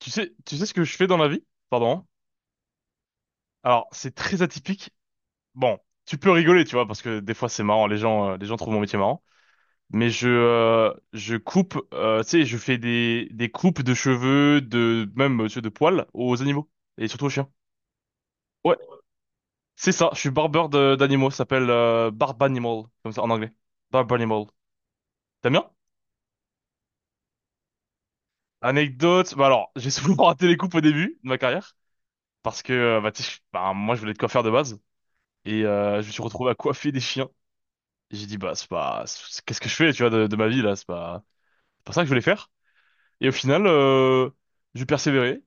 Tu sais ce que je fais dans la vie? Pardon. Hein Alors, c'est très atypique. Bon, tu peux rigoler, tu vois, parce que des fois c'est marrant, les gens trouvent mon métier marrant. Mais je coupe, tu sais, je fais des coupes de cheveux, de même tu sais, de poils aux animaux et surtout aux chiens. Ouais, c'est ça. Je suis d'animaux. Ça s'appelle barb animal, comme ça en anglais. Barb animal. T'aimes bien? Anecdote. Bah alors, j'ai souvent raté les coupes au début de ma carrière parce que bah, tu sais, bah, moi je voulais être coiffeur de base et je me suis retrouvé à coiffer des chiens. J'ai dit, bah, c'est pas, c'est- qu'est-ce que je fais, tu vois, de ma vie, là, c'est pas ça que je voulais faire. Et au final, j'ai persévéré.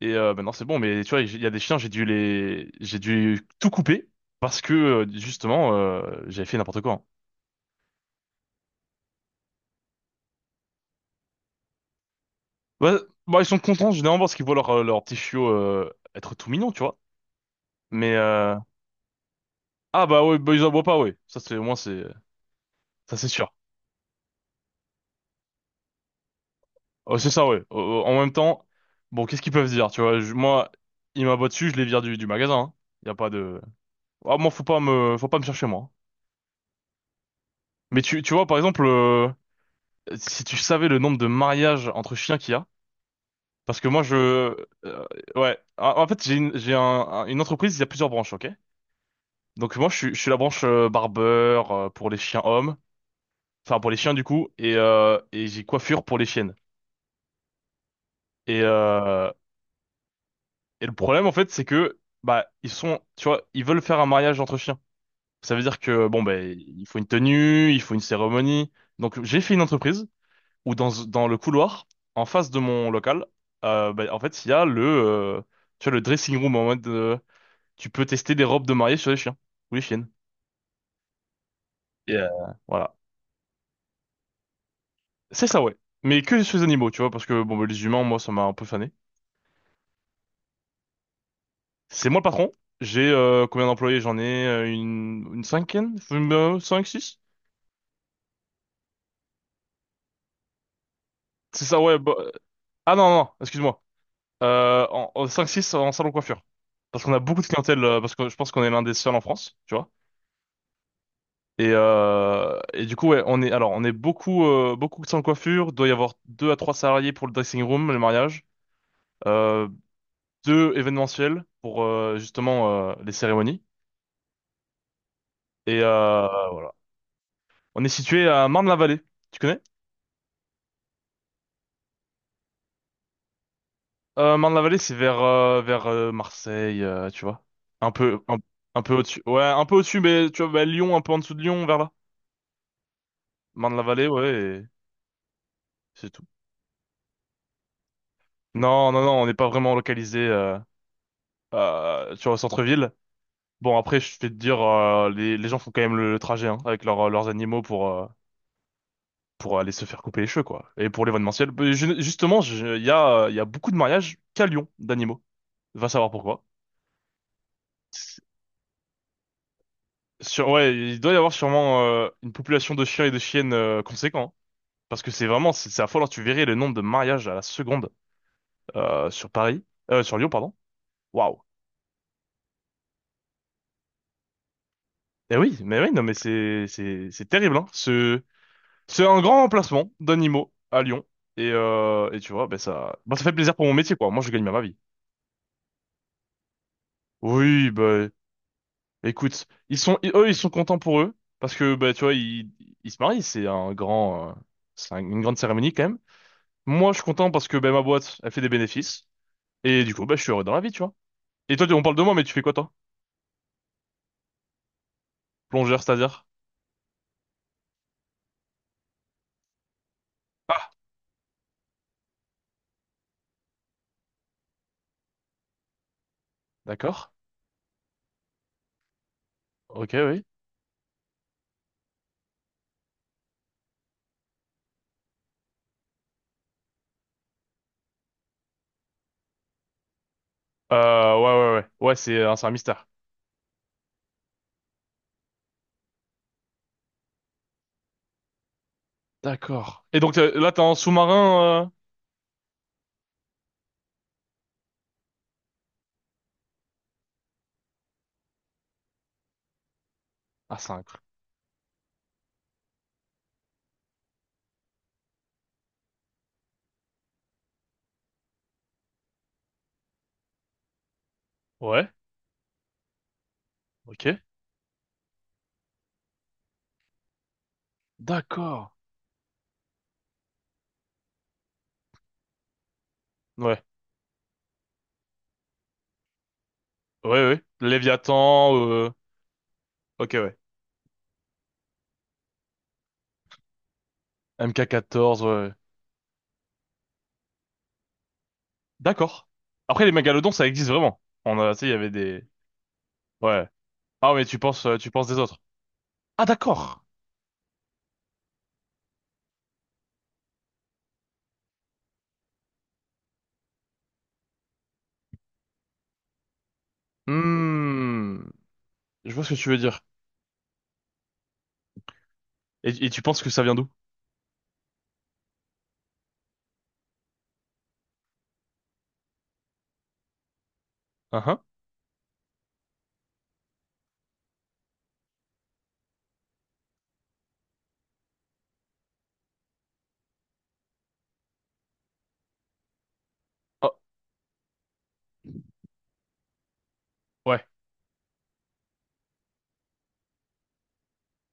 Et maintenant, c'est bon, mais tu vois, il y a des chiens, j'ai dû tout couper parce que, justement, j'avais fait n'importe quoi. Hein. Ouais, bah, ils sont contents, généralement, parce qu'ils voient leur petit chiot, être tout mignon, tu vois. Mais ah, bah, ouais, bah, ils aboient pas, ouais. Ça, c'est, au moins, c'est, ça, c'est sûr. Oh, c'est ça, ouais. Oh, oh, en même temps, bon, qu'est-ce qu'ils peuvent dire, tu vois, moi, ils m'aboient dessus, je les vire du magasin, hein. Y a pas de, Ah, moi, faut pas me chercher, moi. Mais tu vois, par exemple, si tu savais le nombre de mariages entre chiens qu'il y a, parce que euh, ouais, en fait, j'ai une, j'ai un- une entreprise, il y a plusieurs branches, ok? Donc moi, je suis la branche barbeur pour les chiens hommes, enfin pour les chiens du coup, et j'ai coiffure pour les chiennes. Et euh, et le problème, en fait, c'est que, bah, ils sont, tu vois, ils veulent faire un mariage entre chiens. Ça veut dire que, bon, ben, il faut une tenue, il faut une cérémonie. Donc j'ai fait une entreprise, où dans le couloir, en face de mon local, bah, en fait, il y a le, tu vois, le dressing room en mode tu peux tester des robes de mariée sur les chiens ou les chiennes. Et, euh, Voilà. C'est ça, ouais. Mais que sur les animaux, tu vois, parce que bon, bah, les humains, moi, ça m'a un peu fané. C'est moi le patron. J'ai combien d'employés? J'en ai une cinquaine? Cinq, six? C'est ça, ouais. Ah non, non, non, excuse-moi. En cinq, six en salon coiffure. Parce qu'on a beaucoup de clientèle, parce que je pense qu'on est l'un des seuls en France, tu vois. Et du coup, ouais, on est, alors, on est beaucoup, beaucoup sans coiffure. Doit y avoir deux à trois salariés pour le dressing room, le mariage. Euh, deux événementiels pour justement les cérémonies. Et on est situé à Marne-la-Vallée. Tu connais? Marne-la-Vallée, c'est vers Marseille, tu vois. Un peu, un, un peu au-dessus. Ouais, un peu au-dessus, mais tu vois, bah, Lyon, un peu en dessous de Lyon, vers là. Marne-la-Vallée, ouais, et c'est tout. Non, non, non, on n'est pas vraiment localisé, tu vois, au centre-ville. Bon, après, je vais te dire, les gens font quand même le trajet hein, avec leurs animaux pour aller se faire couper les cheveux, quoi. Et pour l'événementiel, ben, il y a beaucoup de mariages qu'à Lyon d'animaux. Va savoir pourquoi. C'est- Sur, ouais, il doit y avoir sûrement une population de chiens et de chiennes conséquent. Parce que c'est vraiment, c'est affolant. Tu verrais le nombre de mariages à la seconde sur Paris, sur Lyon, pardon. Waouh. Eh oui, mais oui, non, mais c'est terrible, hein. Ce C'est un grand emplacement d'animaux à Lyon. Et tu vois, ben ça, bah ça fait plaisir pour mon métier, quoi. Moi, je gagne bien ma vie. Oui, bah, écoute, eux, ils sont contents pour eux. Parce que, bah, tu vois, ils se marient. C'est une grande cérémonie, quand même. Moi, je suis content parce que, ben ma boîte, elle fait des bénéfices. Et du coup, bah, je suis heureux dans la vie, tu vois. Et toi, on parle de moi, mais tu fais quoi, toi? Plongeur, c'est-à-dire? Ah, d'accord. Ok, oui. Ouais, ouais, ouais. Ouais, c'est un mystère. D'accord. Et donc, là, t'es en sous-marin, Ah, c'est incroyable. Ok. D'accord. Ouais. Ouais, ouais. ouais. Léviathan, Ok, ouais. MK14, ouais. ouais. D'accord. Après, les mégalodons, ça existe vraiment. On a, tu sais, il y avait des... Ouais. Ah, mais tu penses des autres. Ah, d'accord. Hmm. Je vois ce que tu veux dire. Et tu penses que ça vient d'où? Ah, Hein? Oh, ouais.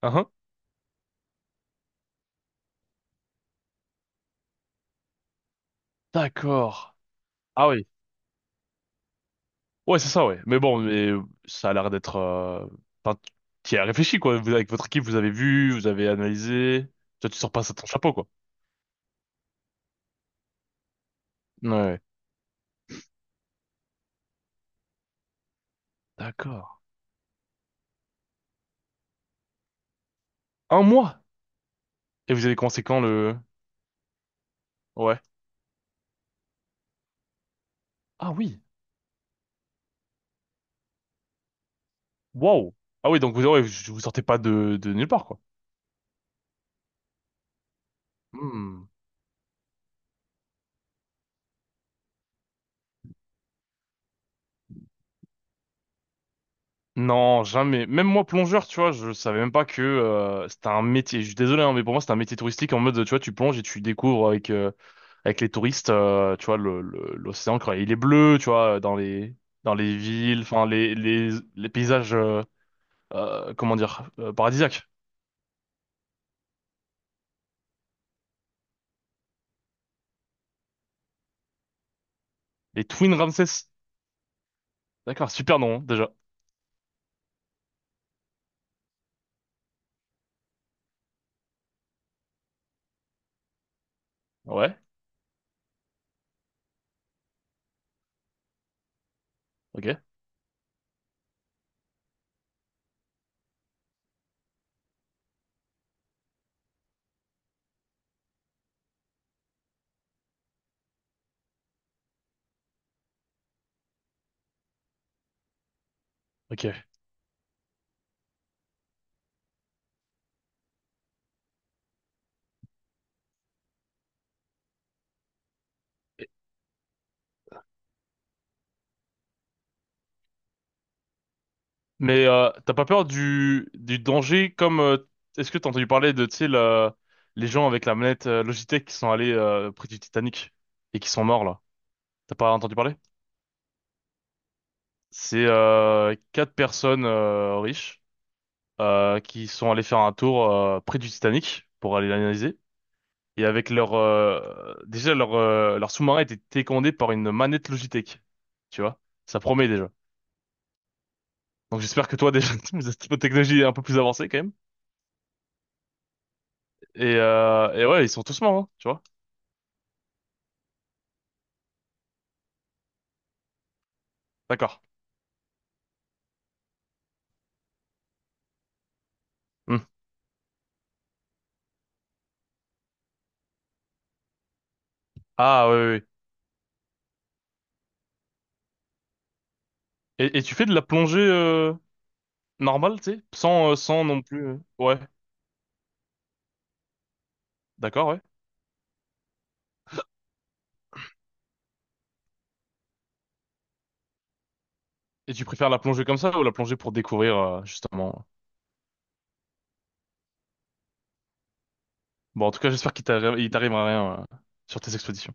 Ah, Hein? D'accord. Ah oui. Ouais, c'est ça, ouais. Mais bon, mais ça a l'air d'être... Enfin, tu y as réfléchi, quoi. Vous, avec votre équipe, vous avez vu, vous avez analysé. Toi, tu sors pas ça de ton chapeau, quoi. Ouais. ouais. D'accord. Un mois? Et vous avez commencé quand le... Ouais. Ah oui. Wow. Ah oui, donc vous, ouais, vous sortez pas de nulle part, quoi. Hmm. Non, jamais. Même moi, plongeur, tu vois, je savais même pas que c'était un métier. Je suis désolé, hein, mais pour moi, c'était un métier touristique en mode, tu vois, tu plonges et tu découvres avec, avec les touristes, tu vois, l'océan, quand il est bleu, tu vois, dans les villes, enfin, les paysages, comment dire, paradisiaques. Les Twin Ramses. D'accord, super nom, hein, déjà. Ouais, ok, ok. Mais t'as pas peur du danger comme est-ce que t'as entendu parler de tu sais la- les gens avec la manette Logitech qui sont allés près du Titanic et qui sont morts là. T'as pas entendu parler? C'est 4 personnes riches qui sont allées faire un tour près du Titanic pour aller l'analyser et avec leur déjà leur leur sous-marin était télécommandé par une manette Logitech. Tu vois? Ça promet déjà. Donc j'espère que toi déjà tu as cette technologie un peu plus avancée quand même. Et ouais, ils sont tous morts, hein, tu vois. D'accord. Hmm. Ah, ouais, ouais. ouais. Et tu fais de la plongée normale, tu sais? Sans, sans non plus... Ouais, d'accord, ouais. Et tu préfères la plongée comme ça ou la plongée pour découvrir, justement? Bon, en tout cas, il t'arrivera rien sur tes expéditions.